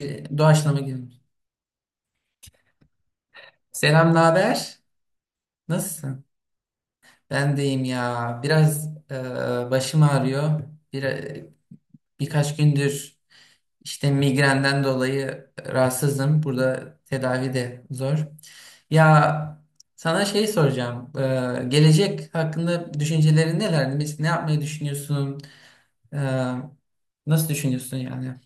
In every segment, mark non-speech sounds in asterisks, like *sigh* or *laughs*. Doğaçlama girelim. Selam, ne haber? Nasılsın? Ben deyim ya. Biraz başım ağrıyor. Bir, e, birkaç gündür işte migrenden dolayı rahatsızım. Burada tedavi de zor. Ya sana şey soracağım. Gelecek hakkında düşüncelerin neler? Ne yapmayı düşünüyorsun? E, nasıl düşünüyorsun yani?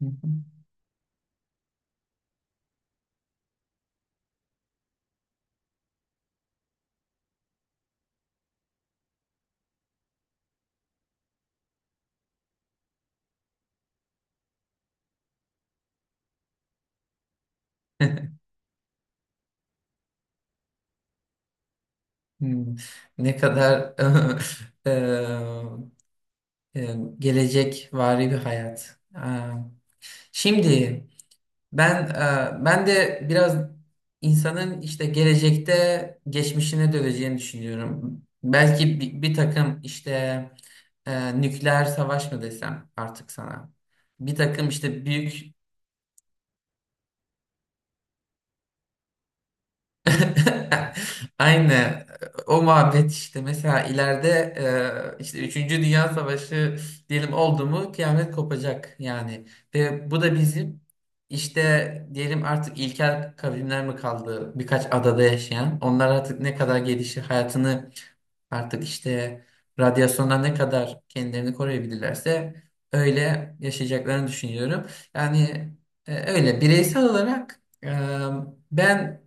*laughs* Hmm, Ne kadar *laughs* eee, gelecek vari bir hayat. Aa, şimdi ben de biraz insanın işte gelecekte geçmişine döneceğini düşünüyorum. Belki bir takım işte nükleer savaş mı desem artık sana. Bir takım işte büyük. *laughs* Aynı o muhabbet işte mesela ileride işte üçüncü Dünya Savaşı diyelim oldu mu kıyamet kopacak yani ve bu da bizim işte diyelim artık ilkel kavimler mi kaldı birkaç adada yaşayan onlar artık ne kadar gelişir hayatını. Artık işte radyasyondan ne kadar kendilerini koruyabilirlerse öyle yaşayacaklarını düşünüyorum. Yani öyle bireysel olarak ben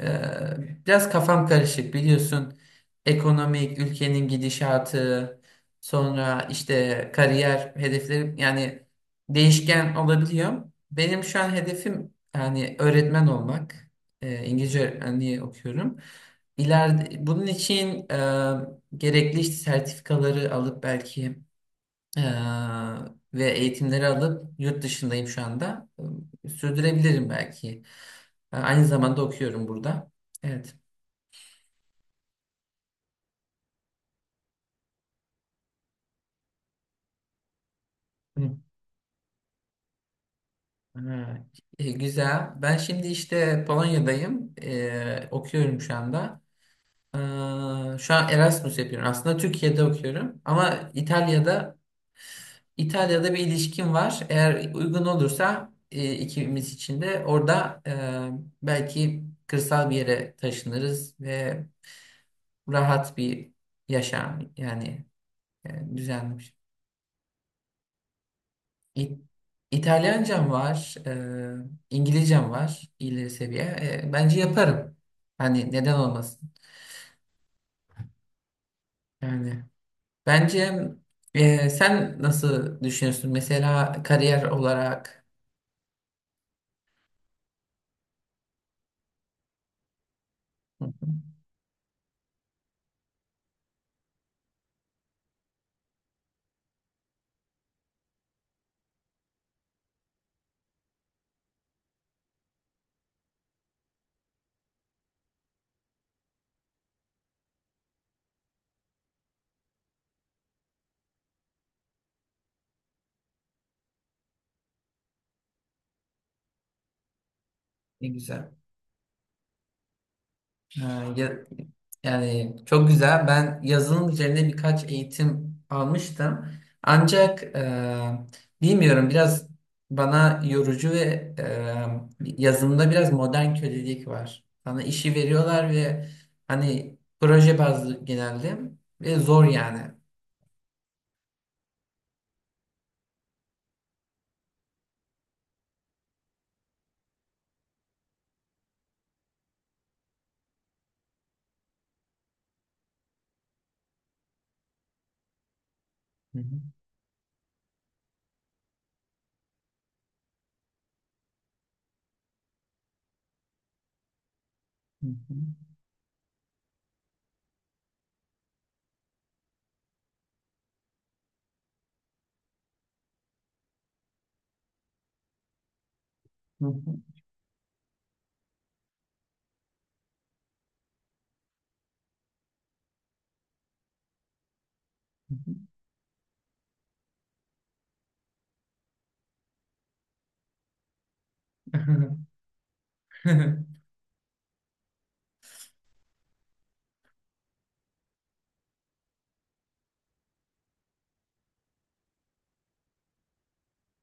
e, biraz kafam karışık biliyorsun. Ekonomik, ülkenin gidişatı, sonra işte kariyer hedeflerim yani değişken olabiliyor. Benim şu an hedefim yani öğretmen olmak. İngilizce öğretmenliği okuyorum. İleride, bunun için gerekli işte sertifikaları alıp belki e, ve eğitimleri alıp yurt dışındayım şu anda. Sürdürebilirim belki. Aynı zamanda okuyorum burada. Evet. Hı. Ha, güzel. Ben şimdi işte Polonya'dayım. Okuyorum şu anda. E, şu an Erasmus yapıyorum. Aslında Türkiye'de okuyorum ama İtalya'da bir ilişkim var. Eğer uygun olursa ikimiz için de orada belki kırsal bir yere taşınırız ve rahat bir yaşam yani düzenlemiş. İ- İtalyancam var, İngilizcem var ileri seviye. Bence yaparım. Hani neden olmasın? Yani bence, sen nasıl düşünüyorsun? Mesela kariyer olarak. Hı. Ne güzel. Ha, yani çok güzel. Ben yazılım üzerine birkaç eğitim almıştım. Ancak bilmiyorum, biraz bana yorucu ve yazılımda biraz modern kölelik var. Sana işi veriyorlar ve hani proje bazlı genelde. Ve zor yani. Hı hı, hı hı, hı hı, hı hı. *laughs*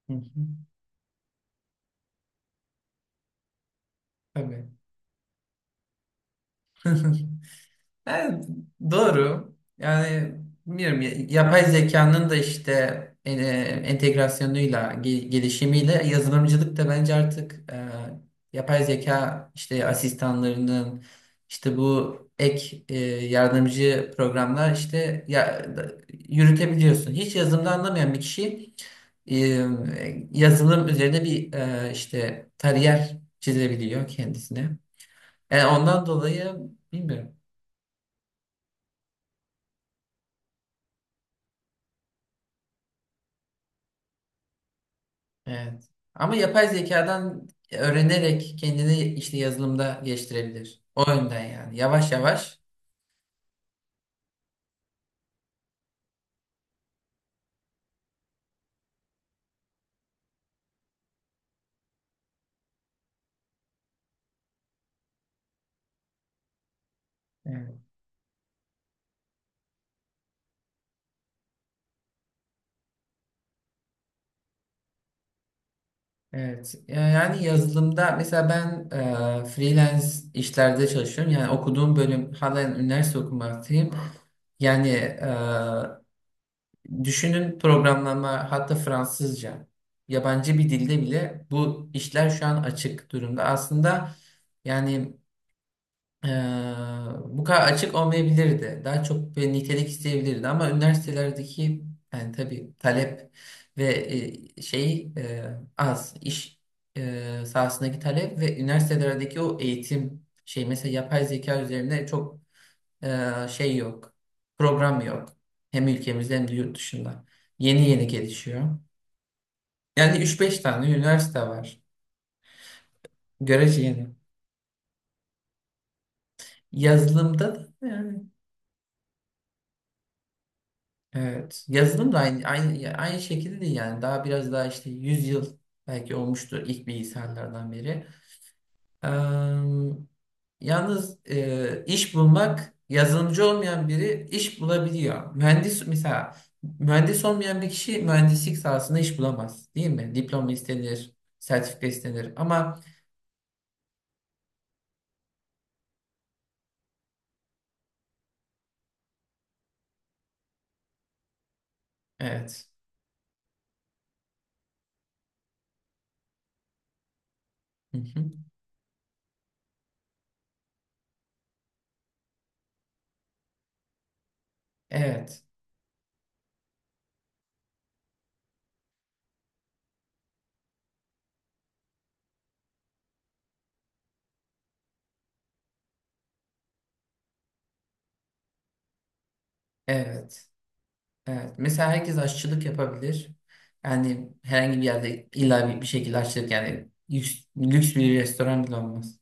Hı hı. Tabii. *laughs* Yani doğru. Yani bilmiyorum, yapay zekanın da işte e, entegrasyonuyla, gelişimiyle yazılımcılık da bence artık yapay zeka işte asistanlarının işte bu ek yardımcı programlar işte ya, yürütebiliyorsun. Hiç yazılımda anlamayan bir kişi e, yazılım üzerine bir işte kariyer çizebiliyor kendisine. Yani ondan dolayı bilmiyorum. Evet. Ama yapay zekadan öğrenerek kendini işte yazılımda geliştirebilir. O yönden yani. Yavaş yavaş. Evet. Evet. Yani yazılımda mesela ben freelance işlerde çalışıyorum. Yani okuduğum bölüm halen üniversite okumaktayım. Yani düşünün, programlama hatta Fransızca, yabancı bir dilde bile bu işler şu an açık durumda. Aslında, yani, Ee, bu kadar açık olmayabilirdi. Daha çok bir nitelik isteyebilirdi ama üniversitelerdeki, yani tabii, talep ve e, şey e, az iş sahasındaki talep ve üniversitelerdeki o eğitim, şey, mesela yapay zeka üzerine çok şey yok. Program yok. Hem ülkemizde hem de yurt dışında. Yeni yeni gelişiyor. Yani üç beş tane üniversite var. Görece yeni. Yazılımda da yani. Evet. Yazılım da aynı şekilde değil yani. Daha biraz daha işte 100 yıl belki olmuştur ilk bilgisayarlardan beri. Eee, yalnız iş bulmak, yazılımcı olmayan biri iş bulabiliyor. Mühendis mesela mühendis olmayan bir kişi mühendislik sahasında iş bulamaz değil mi? Diploma istenir, sertifika istenir ama evet. Hı hı. Evet. Evet. Evet. Mesela herkes aşçılık yapabilir. Yani herhangi bir yerde illa bir şekilde aşçılık yani lüks bir restoran bile olmaz.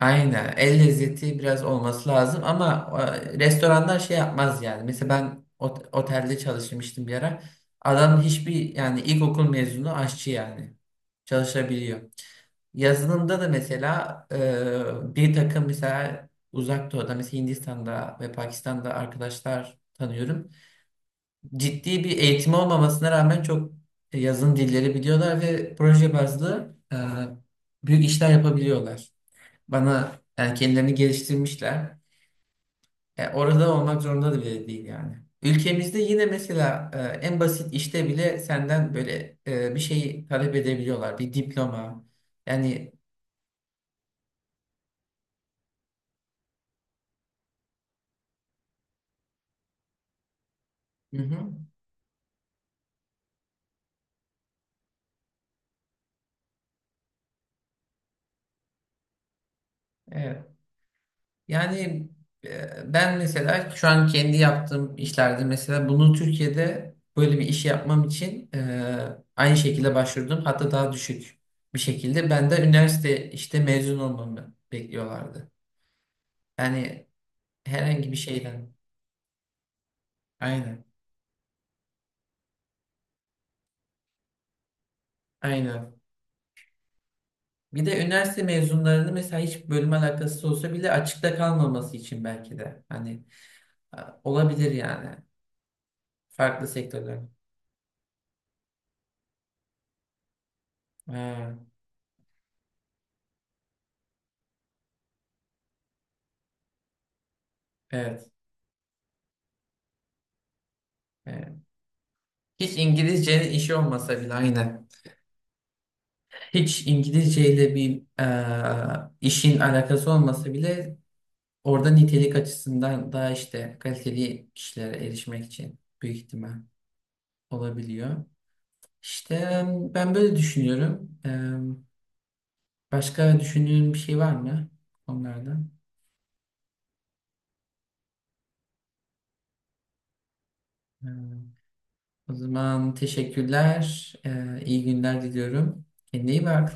Aynen. El lezzeti biraz olması lazım ama restoranlar şey yapmaz yani. Mesela ben otelde çalışmıştım bir ara. Adam hiçbir yani ilkokul mezunu aşçı yani. Çalışabiliyor. Yazılımda da mesela bir takım mesela uzak doğuda mesela Hindistan'da ve Pakistan'da arkadaşlar tanıyorum. Ciddi bir eğitim olmamasına rağmen çok yazın dilleri biliyorlar ve proje bazlı büyük işler yapabiliyorlar. Bana yani kendilerini geliştirmişler. Orada olmak zorunda da bile değil yani. Ülkemizde yine mesela en basit işte bile senden böyle bir şeyi talep edebiliyorlar. Bir diploma. Yani hı hı, evet. Yani ben mesela şu an kendi yaptığım işlerde mesela bunu Türkiye'de böyle bir iş yapmam için aynı şekilde başvurdum. Hatta daha düşük bir şekilde. Ben de üniversite işte mezun olmamı bekliyorlardı. Yani herhangi bir şeyden. Aynen. Aynen. Bir de üniversite mezunlarını mesela hiç bölüm alakası olsa bile açıkta kalmaması için belki de. Hani e, olabilir yani. Farklı sektörler. Ha, evet. Evet. Hiç İngilizcenin işi olmasa bile aynen. Hiç İngilizceyle bir işin alakası olmasa bile orada nitelik açısından daha işte kaliteli kişilere erişmek için büyük ihtimal olabiliyor. İşte ben böyle düşünüyorum. Başka düşündüğün bir şey var mı onlardan? E, o zaman teşekkürler. E, iyi günler diliyorum. Kendine iyi bak.